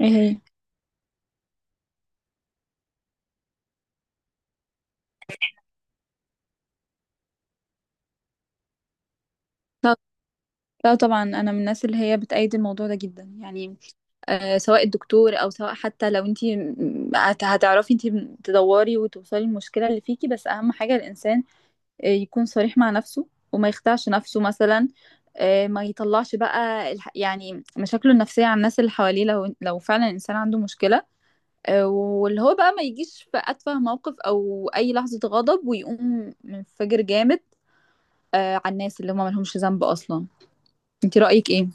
ايه هي؟ لا، لا طبعا، انا من الناس اللي هي بتأيد الموضوع ده جدا يعني. سواء الدكتور او سواء حتى لو انت هتعرفي انت تدوري وتوصلي المشكله اللي فيكي. بس اهم حاجه الانسان يكون صريح مع نفسه وما يخدعش نفسه مثلا. ما يطلعش بقى يعني مشاكله النفسيه على الناس اللي حواليه، لو فعلا الانسان عنده مشكله. واللي هو بقى ما يجيش في اتفه موقف او اي لحظه غضب ويقوم منفجر جامد على الناس اللي هم ملهمش ذنب اصلا. انت رأيك ايه؟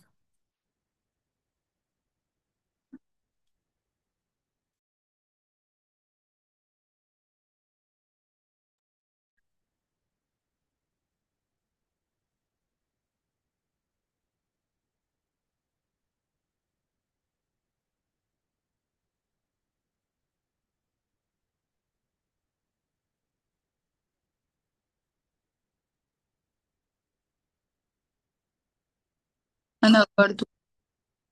انا برضو.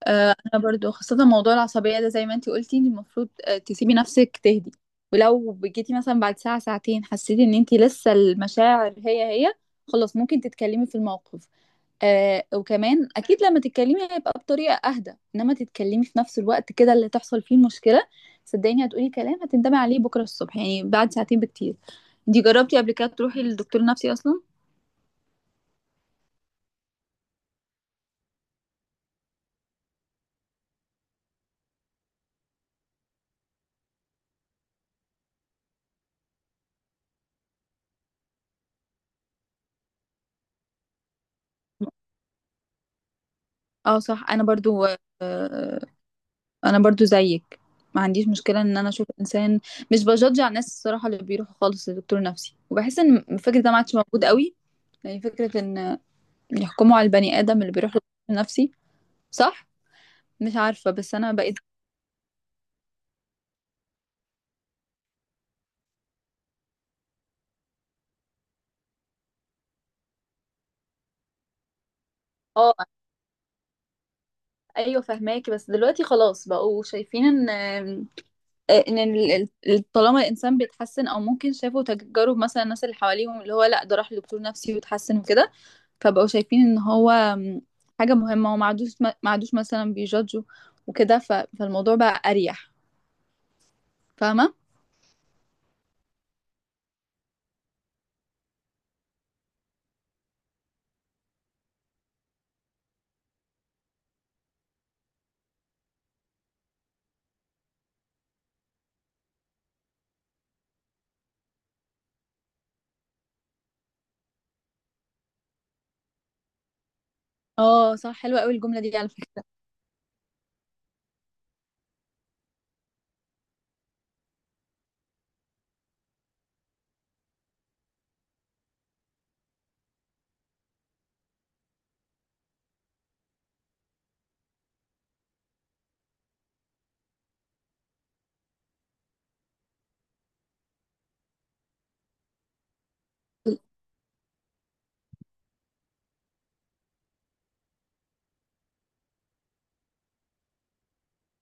انا برضو خاصه موضوع العصبيه ده زي ما انتي قلتي انت المفروض تسيبي نفسك تهدي. ولو جيتي مثلا بعد ساعه ساعتين حسيتي ان انتي لسه المشاعر هي هي، خلاص ممكن تتكلمي في الموقف. وكمان اكيد لما تتكلمي هيبقى بطريقه اهدى، انما تتكلمي في نفس الوقت كده اللي تحصل فيه مشكله، صدقيني هتقولي كلام هتندمي عليه بكره الصبح، يعني بعد ساعتين بكتير. انتي جربتي قبل كده تروحي للدكتور النفسي اصلا؟ اه صح، انا برضو. آه، انا برضو زيك. ما عنديش مشكله ان انا اشوف انسان، مش بجدج على الناس الصراحه اللي بيروحوا خالص لدكتور نفسي، وبحس ان الفكره ده ما عادش موجود قوي. يعني فكره ان يحكموا على البني ادم اللي بيروح لدكتور نفسي، صح. مش عارفه بس انا بقيت. اه ايوه فهماكي. بس دلوقتي خلاص بقوا شايفين ان ان طالما الانسان بيتحسن، او ممكن شافوا تجارب مثلا الناس اللي حواليهم اللي هو لا ده راح لدكتور نفسي وتحسن وكده. فبقوا شايفين ان هو حاجه مهمه، وما عادوش ما عادوش مثلا بيجادجوا وكده فالموضوع بقى اريح. فاهمه. اه صح حلوه قوي الجمله دي على فكره.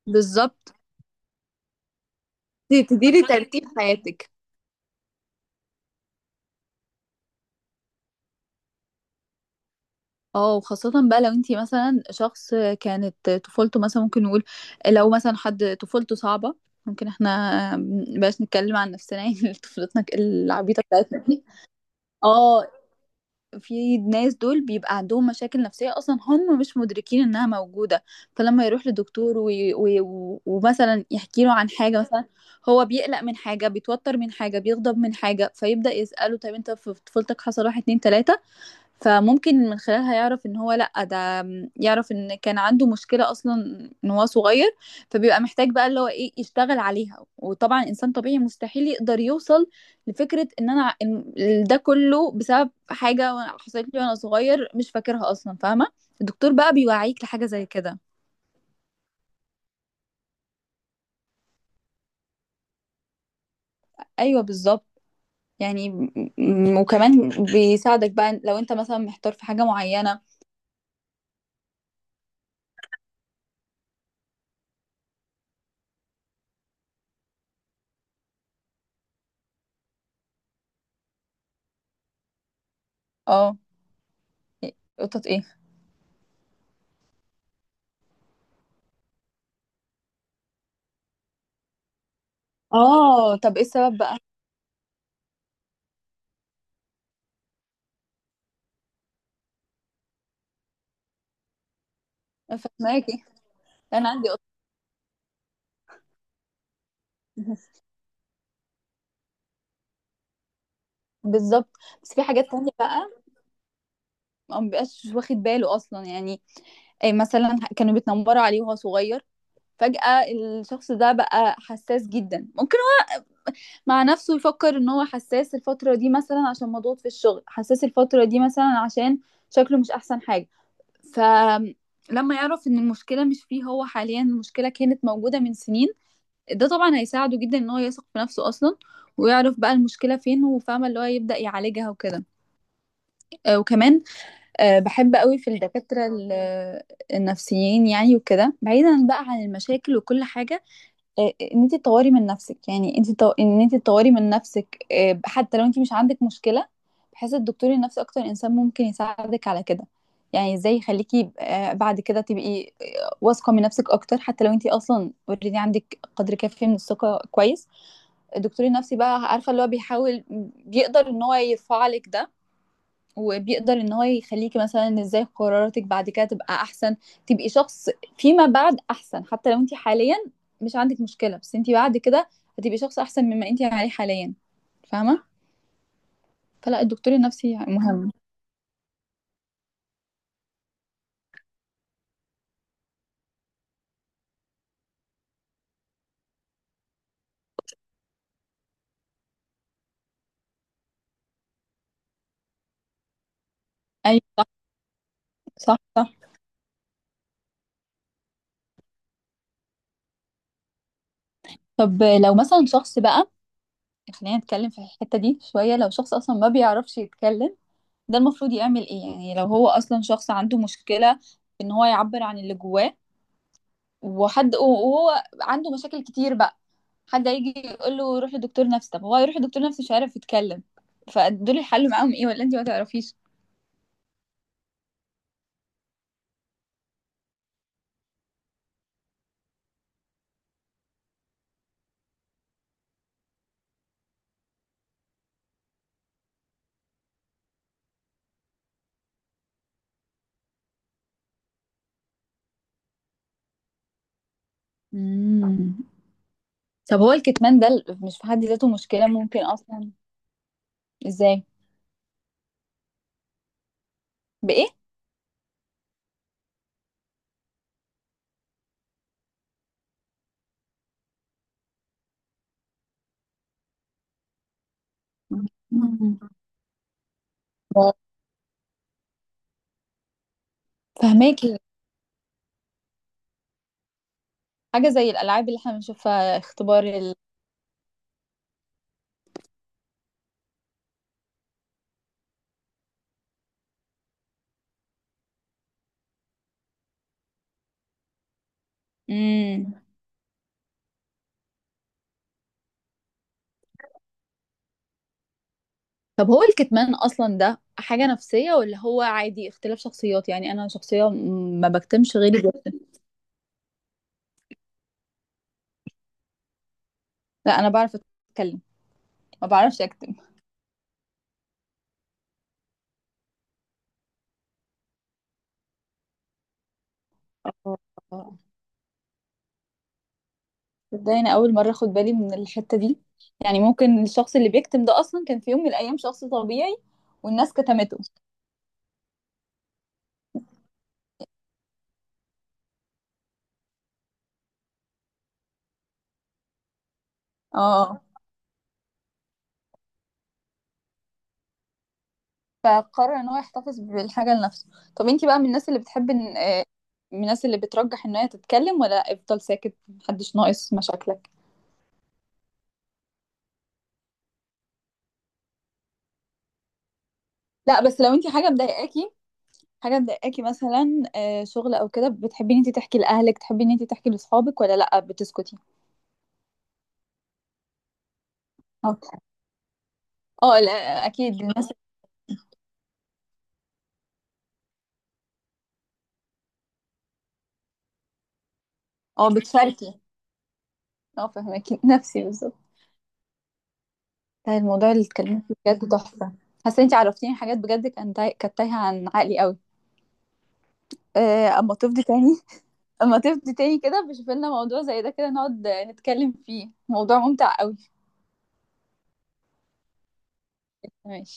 بالظبط. تديري ترتيب حياتك. اه وخاصة بقى لو انتي مثلا شخص كانت طفولته مثلا، ممكن نقول لو مثلا حد طفولته صعبة. ممكن احنا مبقاش نتكلم عن نفسنا يعني طفولتنا العبيطة بتاعتنا دي. اه في ناس دول بيبقى عندهم مشاكل نفسية اصلا هم مش مدركين انها موجودة. فلما يروح لدكتور ومثلا يحكي له عن حاجة مثلا هو بيقلق من حاجة، بيتوتر من حاجة، بيغضب من حاجة، فيبدأ يسأله طب انت في طفولتك حصل واحد، اتنين، تلاتة. فممكن من خلالها يعرف ان هو لأ ده يعرف ان كان عنده مشكلة اصلا ان هو صغير. فبيبقى محتاج بقى اللي هو ايه يشتغل عليها. وطبعا انسان طبيعي مستحيل يقدر يوصل لفكرة ان انا ده كله بسبب حاجة حصلت لي وانا صغير مش فاكرها اصلا، فاهمة. الدكتور بقى بيوعيك لحاجة زي كده. ايوه بالظبط. يعني وكمان بيساعدك بقى لو انت مثلا محتار في حاجة معينة. اه قطط ايه؟ اه طب ايه السبب بقى؟ فهماكي. انا عندي قط. بالظبط. بس في حاجات تانية بقى ما بيبقاش واخد باله اصلا يعني. أي مثلا كانوا بيتنمروا عليه وهو صغير، فجأة الشخص ده بقى حساس جدا. ممكن هو مع نفسه يفكر ان هو حساس الفترة دي مثلا عشان مضغوط في الشغل، حساس الفترة دي مثلا عشان شكله مش احسن حاجة. فلما يعرف ان المشكلة مش فيه هو حاليا، المشكلة كانت موجودة من سنين، ده طبعا هيساعده جدا ان هو يثق في نفسه اصلا، ويعرف بقى المشكلة فين وفاهمة اللي هو يبدأ يعالجها وكده. وكمان بحب قوي في الدكاترة النفسيين يعني. وكده بعيدا بقى عن المشاكل وكل حاجة، ان انت تطوري من نفسك. يعني ان انت تطوري من نفسك حتى لو انت مش عندك مشكلة، بحيث الدكتور النفسي اكتر انسان ممكن يساعدك على كده. يعني ازاي يخليكي بعد كده تبقي واثقة من نفسك اكتر. حتى لو انت اصلا اوريدي عندك قدر كافي من الثقة كويس، الدكتور النفسي بقى عارفة اللي هو بيحاول بيقدر ان هو يرفع لك ده. وبيقدر ان هو يخليكي مثلا ازاي قراراتك بعد كده تبقى احسن، تبقي شخص فيما بعد احسن. حتى لو انت حاليا مش عندك مشكلة، بس انت بعد كده هتبقي شخص احسن مما انت عليه حاليا، فاهمة. فلا، الدكتور النفسي مهم. ايوه صح، صح، صح. طب لو مثلا شخص بقى، خلينا نتكلم في الحتة دي شوية. لو شخص اصلا ما بيعرفش يتكلم ده المفروض يعمل ايه؟ يعني لو هو اصلا شخص عنده مشكلة ان هو يعبر عن اللي جواه وحد وهو عنده مشاكل كتير بقى، حد هيجي يقول له روح لدكتور نفسي، طب هو يروح لدكتور نفسي مش عارف يتكلم، فدول الحل معاهم ايه؟ ولا انت ما تعرفيش؟ مم. طب هو الكتمان ده مش في حد ذاته مشكلة ممكن اصلا؟ ازاي؟ بايه؟ مم. فهماكي. حاجة زي الالعاب اللي احنا بنشوفها، اختبار ال... مم. طب هو الكتمان اصلا ده حاجة نفسية ولا هو عادي اختلاف شخصيات؟ يعني انا شخصية ما بكتمش، غيري بيكتم. لا، انا بعرف اتكلم، ما بعرفش اكتم. تصدقني انا اول مره اخد بالي من الحته دي. يعني ممكن الشخص اللي بيكتم ده اصلا كان في يوم من الايام شخص طبيعي والناس كتمته. اه. فقرر ان هو يحتفظ بالحاجه لنفسه. طب انتي بقى من الناس اللي بتحب ان من الناس اللي بترجح ان هي تتكلم، ولا افضل ساكت محدش ناقص مشاكلك؟ لا بس لو انتي حاجه مضايقاكي، حاجه مضايقاكي مثلا شغل او كده، بتحبي ان انتي تحكي لاهلك، تحبي ان انتي تحكي لاصحابك، ولا لا بتسكتي؟ اه. اه لا. اكيد الناس. اه. بتشاركي. اه فهمك نفسي بالظبط. ده الموضوع اللي اتكلمت فيه بجد تحفة. حاسة انتي عرفتيني حاجات بجد كان كانت تايهة عن عقلي قوي. اما تفضي تاني. اما تفضي تاني كده بشوف لنا موضوع زي ده، كده نقعد نتكلم فيه، موضوع ممتع قوي. ماشي.